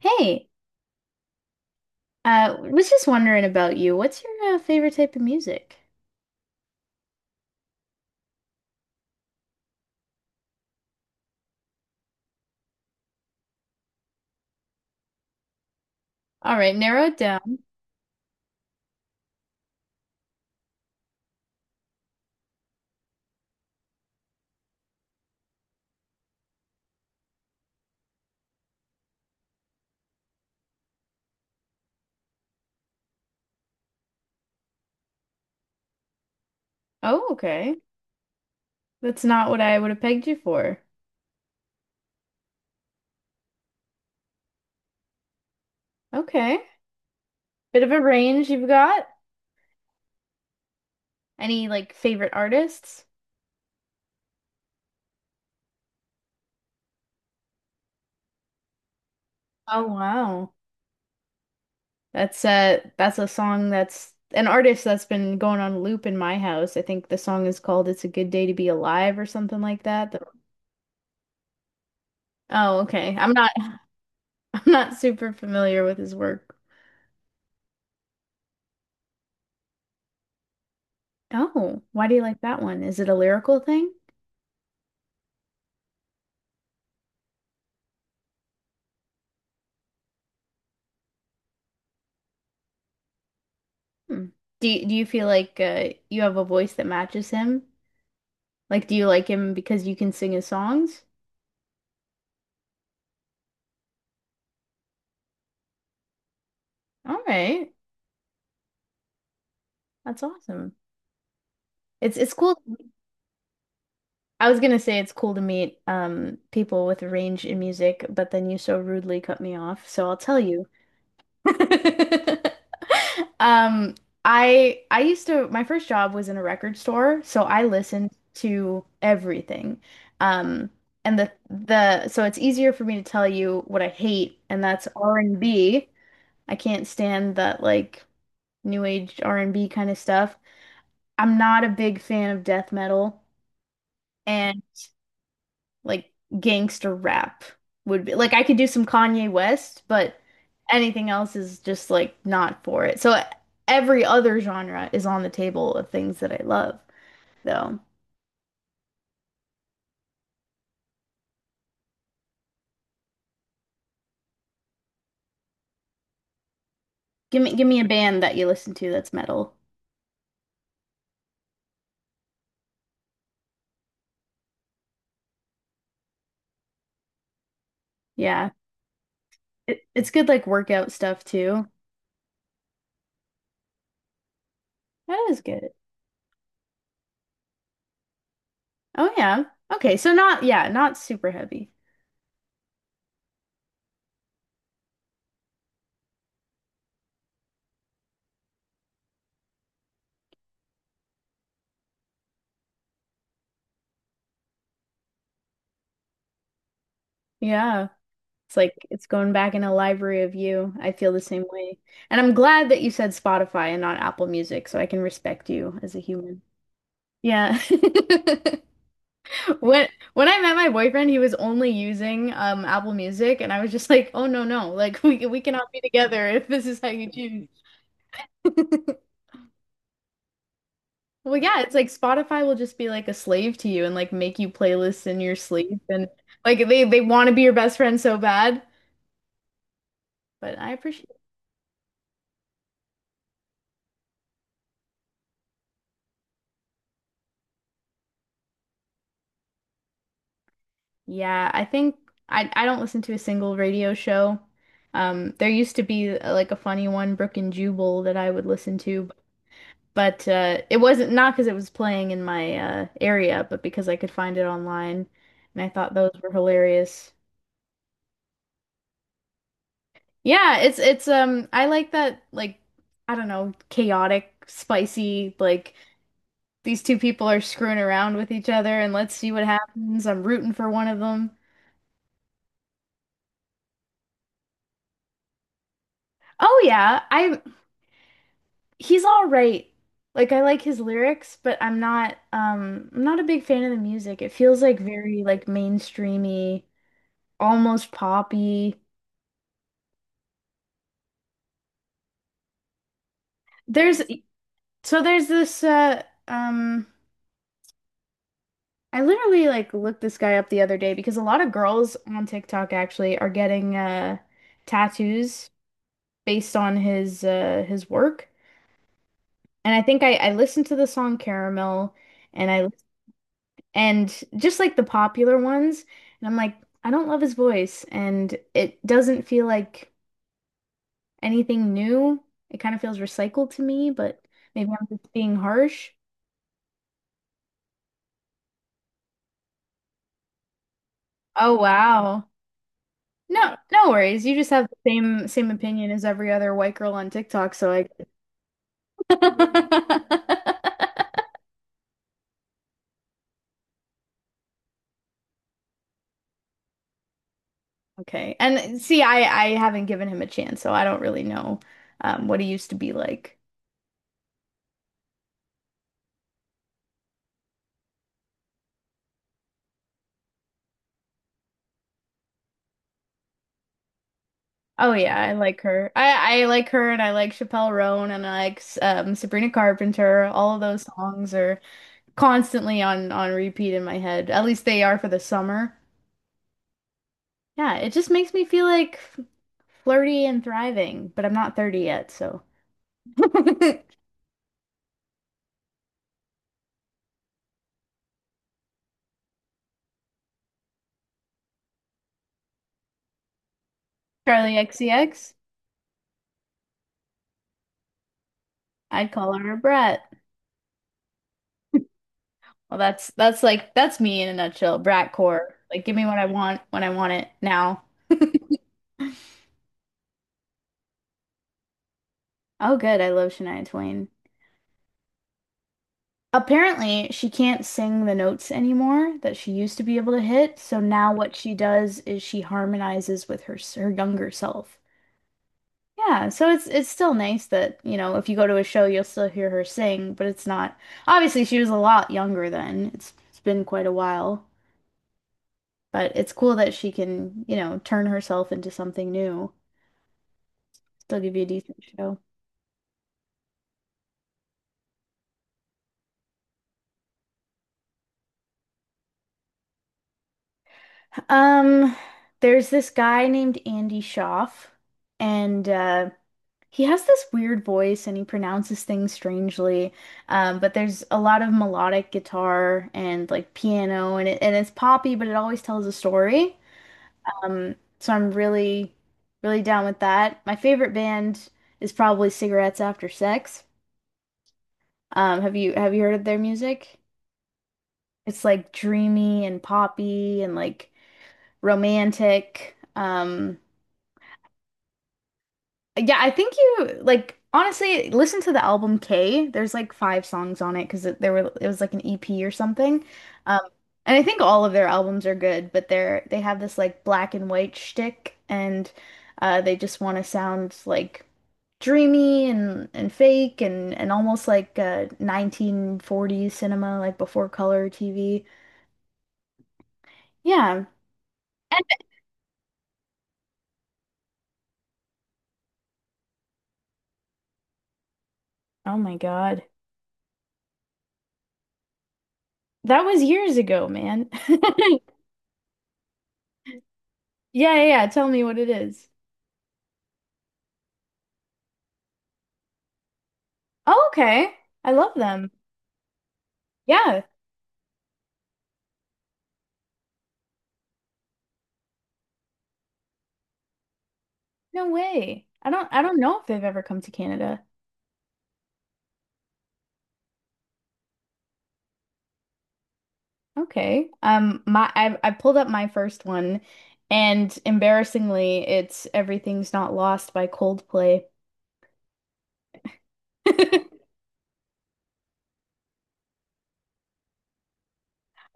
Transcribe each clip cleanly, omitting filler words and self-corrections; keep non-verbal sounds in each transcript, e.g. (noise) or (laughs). Hey, was just wondering about you. What's your favorite type of music? All right, narrow it down. Oh, okay. That's not what I would have pegged you for. Okay. Bit of a range you've got. Any like favorite artists? Oh, wow. That's a song, that's an artist that's been going on loop in my house. I think the song is called It's a Good Day to Be Alive or something like that. The- Oh, okay. I'm not (laughs) I'm not super familiar with his work. Oh, why do you like that one? Is it a lyrical thing? Hmm. Do you feel like you have a voice that matches him? Like, do you like him because you can sing his songs? All right, that's awesome. It's cool. I was gonna say it's cool to meet people with range in music, but then you so rudely cut me off. So I'll tell you. (laughs) Um, I used to, my first job was in a record store, so I listened to everything. Um, and the so it's easier for me to tell you what I hate, and that's r and B. I can't stand that like new age R&B kind of stuff. I'm not a big fan of death metal, and like gangster rap would be. Like I could do some Kanye West, but anything else is just like not for it. So every other genre is on the table of things that I love, though. Give me a band that you listen to that's metal. Yeah. It's good like workout stuff too. That is good. Oh yeah. Okay, so not yeah, not super heavy. Yeah. It's like it's going back in a library of you. I feel the same way. And I'm glad that you said Spotify and not Apple Music, so I can respect you as a human. Yeah. (laughs) When when I met my boyfriend, he was only using Apple Music and I was just like, "Oh no, no. Like we cannot be together if this is how you choose." (laughs) Well, yeah, it's like Spotify will just be like a slave to you and like make you playlists in your sleep and like they want to be your best friend so bad, but I appreciate. Yeah, I think I don't listen to a single radio show. There used to be like a funny one, Brook and Jubal, that I would listen to, but it wasn't, not because it was playing in my area, but because I could find it online, and I thought those were hilarious. Yeah, it's I like that, like I don't know, chaotic, spicy, like these two people are screwing around with each other, and let's see what happens. I'm rooting for one of them. Oh yeah, I he's all right. Like I like his lyrics, but I'm not a big fan of the music. It feels like very like mainstreamy, almost poppy. There's so there's this I literally like looked this guy up the other day because a lot of girls on TikTok actually are getting tattoos based on his work. And I think I listened to the song Caramel and I and just like the popular ones. And I'm like, I don't love his voice, and it doesn't feel like anything new. It kind of feels recycled to me, but maybe I'm just being harsh. Oh wow. No, no worries. You just have the same opinion as every other white girl on TikTok, so I (laughs) okay. And see, I haven't given him a chance, so I don't really know what he used to be like. Oh yeah, I like her. I like her, and I like Chappelle Roan, and I like Sabrina Carpenter. All of those songs are constantly on repeat in my head. At least they are for the summer. Yeah, it just makes me feel like flirty and thriving, but I'm not 30 yet, so. (laughs) Charlie XCX, I'd call her a brat. Well, that's me in a nutshell, brat core. Like, give me what I want when I want it now. (laughs) Oh, good, I love Shania Twain. Apparently, she can't sing the notes anymore that she used to be able to hit. So now what she does is she harmonizes with her younger self. Yeah, so it's still nice that, you know, if you go to a show, you'll still hear her sing, but it's not. Obviously, she was a lot younger then. It's been quite a while, but it's cool that she can, you know, turn herself into something new. Still give you a decent show. Um, there's this guy named Andy Schaaf, and he has this weird voice and he pronounces things strangely, but there's a lot of melodic guitar and like piano and it's poppy, but it always tells a story. So I'm really, really down with that. My favorite band is probably Cigarettes After Sex. Have you heard of their music? It's like dreamy and poppy and like romantic. Yeah, I think you like honestly listen to the album K. There's like 5 songs on it because it, there were it was like an EP or something. Um, and I think all of their albums are good, but they have this like black and white shtick, and they just want to sound like dreamy and fake and almost like 1940s cinema, like before color TV. Yeah. And oh my God, that was years ago, man. (laughs) Yeah, yeah, yeah. Tell me what it is. Oh, okay. I love them. Yeah. No way. I don't know if they've ever come to Canada. Okay. My I pulled up my first one and embarrassingly it's Everything's Not Lost by Coldplay. (laughs)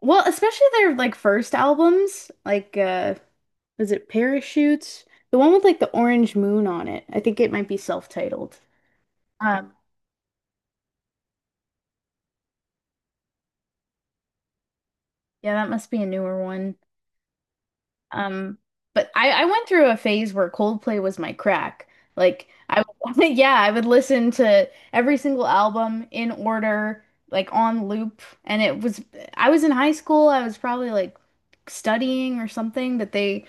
Well, especially their like first albums, like was it Parachutes? The one with like the orange moon on it. I think it might be self-titled. Um yeah, that must be a newer one. Um, but I went through a phase where Coldplay was my crack. Like I would, (laughs) yeah, I would listen to every single album in order, like on loop. And it was, I was in high school, I was probably like studying or something, but they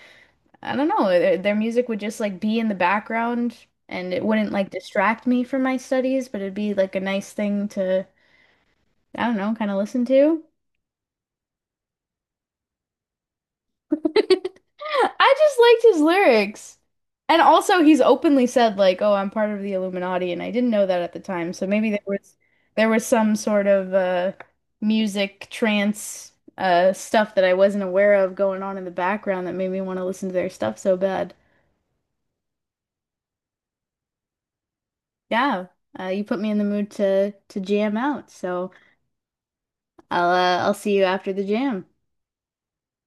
I don't know, their music would just like be in the background and it wouldn't like distract me from my studies, but it'd be like a nice thing to, I don't know, kind of listen to. (laughs) I just liked his lyrics. And also he's openly said like, "Oh, I'm part of the Illuminati," and I didn't know that at the time. So maybe there was, there was some sort of music trance stuff that I wasn't aware of going on in the background that made me want to listen to their stuff so bad. Yeah. You put me in the mood to jam out. So I'll see you after the jam.